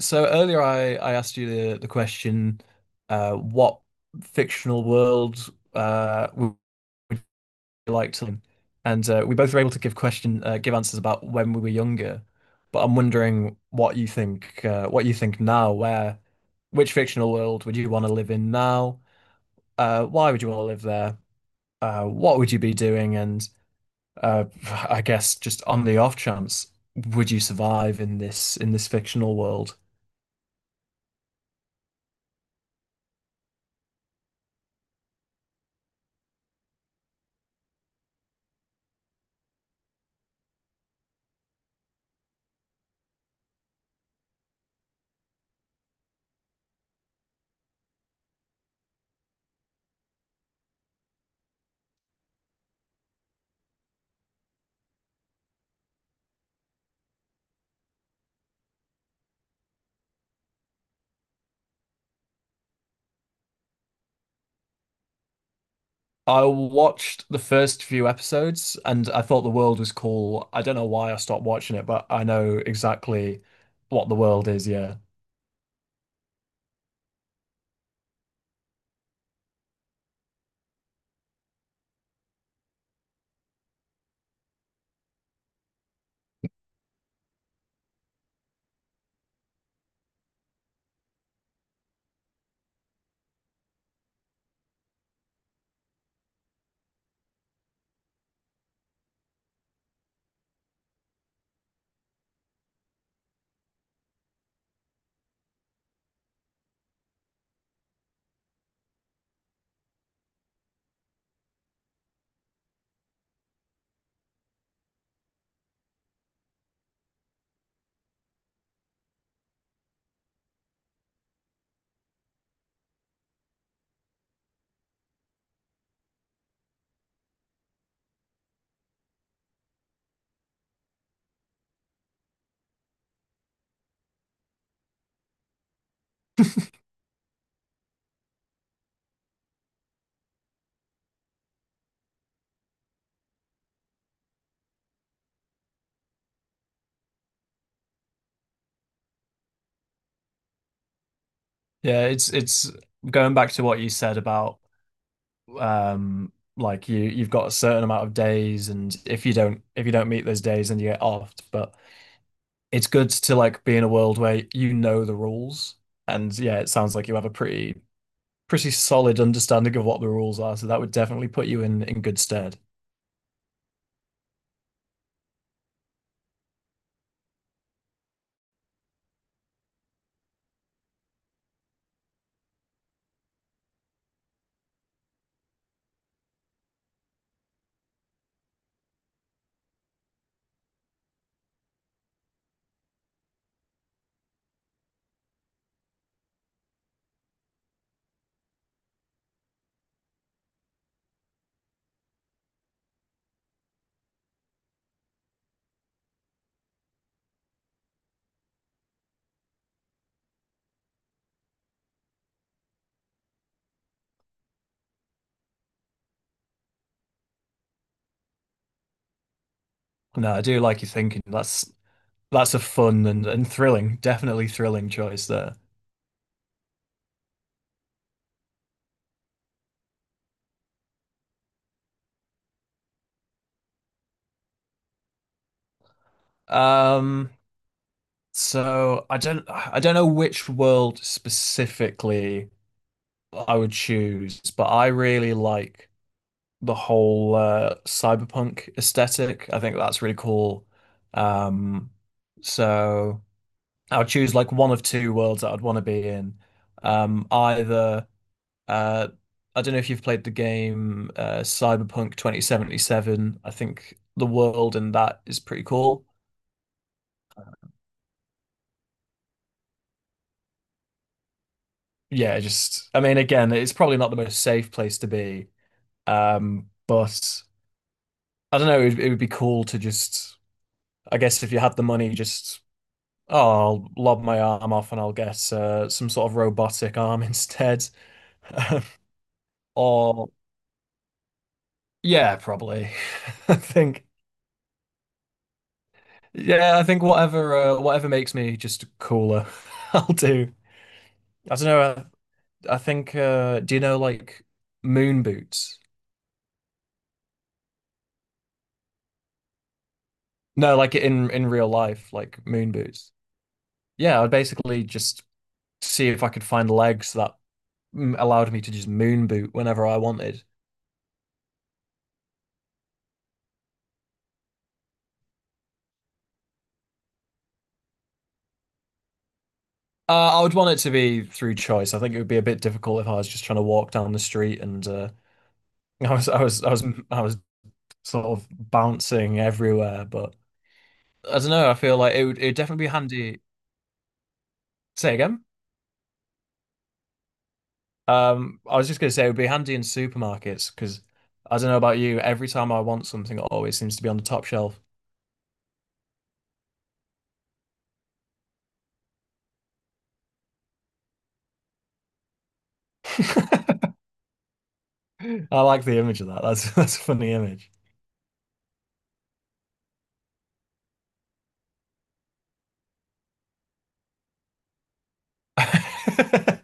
So earlier I asked you the question, what fictional world would you like to live in? And we both were able to give question give answers about when we were younger. But I'm wondering what you think now, where which fictional world would you want to live in now? Why would you want to live there? What would you be doing? And uh, I guess just on the off chance, would you survive in this fictional world? I watched the first few episodes and I thought the world was cool. I don't know why I stopped watching it, but I know exactly what the world is, yeah. Yeah, it's going back to what you said about um like you've got a certain amount of days, and if you don't meet those days, then you get offed. But it's good to like be in a world where you know the rules, and yeah, it sounds like you have a pretty solid understanding of what the rules are, so that would definitely put you in good stead. No, I do like your thinking. That's a fun and thrilling, definitely thrilling choice there. Um, so I don't know which world specifically I would choose, but I really like the whole cyberpunk aesthetic. I think that's really cool. Um, so I'll choose like one of two worlds that I'd want to be in. Either Uh, I don't know if you've played the game Cyberpunk 2077. I think the world in that is pretty cool. Yeah, just I mean, again, it's probably not the most safe place to be, but I don't know. It would be cool to just, I guess, if you had the money, just oh, I'll lob my arm off and I'll get some sort of robotic arm instead, or yeah, probably. I think yeah, I think whatever makes me just cooler, I'll do. I don't know. I think do you know like moon boots? No, like in real life, like moon boots. Yeah, I'd basically just see if I could find legs that allowed me to just moon boot whenever I wanted. I would want it to be through choice. I think it would be a bit difficult if I was just trying to walk down the street and I was I was I was I was sort of bouncing everywhere. But I don't know. I feel like it would definitely be handy. Say again. I was just gonna say it would be handy in supermarkets because I don't know about you, every time I want something, it always seems to be on the top shelf. I like the image of that. That's that's a funny image.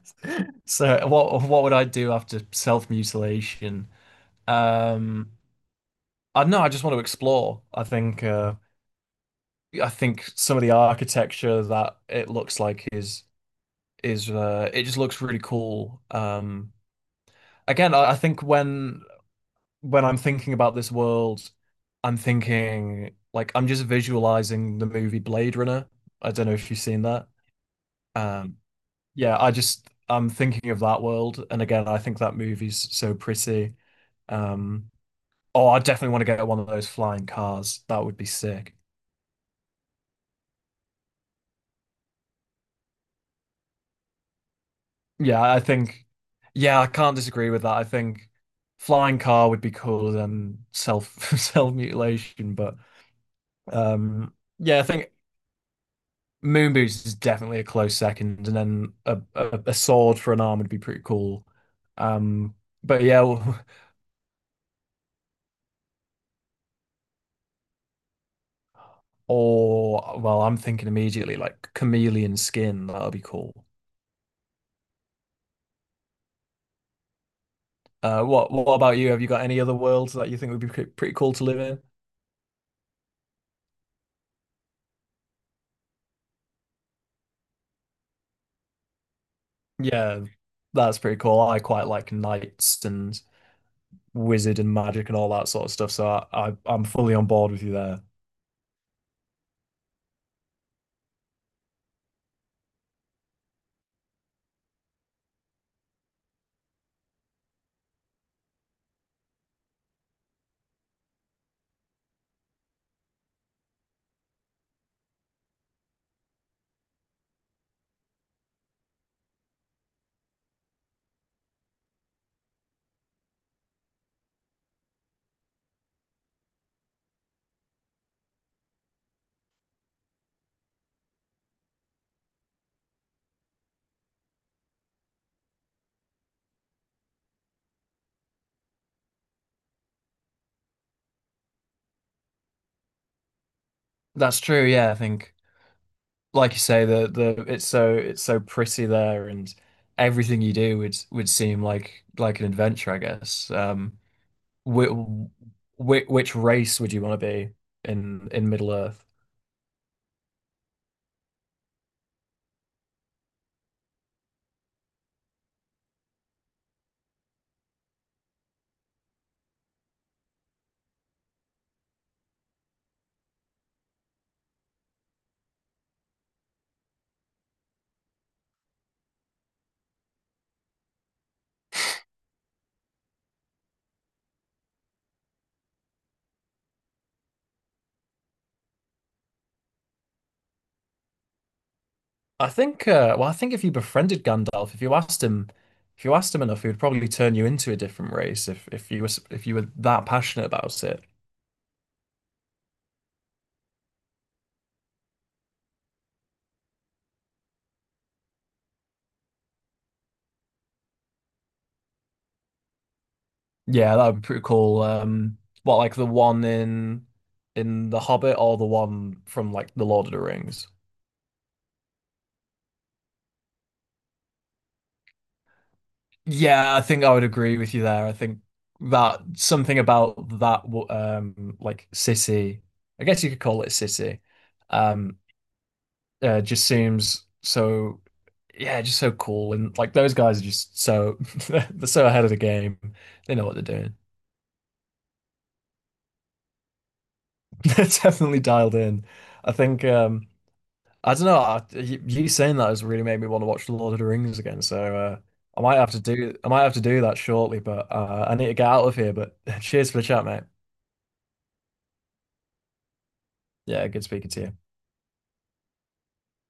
So what would I do after self-mutilation? Um, I don't know. I just want to explore. I think some of the architecture that it looks like is it just looks really cool. Again, I think when I'm thinking about this world, I'm thinking like I'm just visualizing the movie Blade Runner. I don't know if you've seen that. Um, yeah, I just I'm thinking of that world, and again, I think that movie's so pretty. Um, oh, I definitely want to get one of those flying cars. That would be sick. Yeah, I think. Yeah, I can't disagree with that. I think flying car would be cooler than self self mutilation, but um, yeah, I think moon boots is definitely a close second, and then a sword for an arm would be pretty cool. Um, but yeah, or well, I'm thinking immediately like chameleon skin. That will be cool. What about you? Have you got any other worlds that you think would be pretty cool to live in? Yeah, that's pretty cool. I quite like knights and wizard and magic and all that sort of stuff. So I I'm fully on board with you there. That's true. Yeah, I think, like you say, the it's so pretty there, and everything you do would seem like an adventure, I guess. Which which race would you want to be in Middle Earth? I think. Well, I think if you befriended Gandalf, if you asked him enough, he would probably turn you into a different race if if you were that passionate about it. Yeah, that would be pretty cool. What like the one in The Hobbit or the one from like The Lord of the Rings? Yeah, I think I would agree with you there. I think that something about that like city, I guess you could call it a city, um just seems so yeah, just so cool, and like those guys are just so they're so ahead of the game. They know what they're doing. They're definitely dialed in. I think I don't know. You saying that has really made me want to watch The Lord of the Rings again. So I might have to do I might have to do that shortly. But I need to get out of here. But cheers for the chat, mate. Yeah, good speaking to you.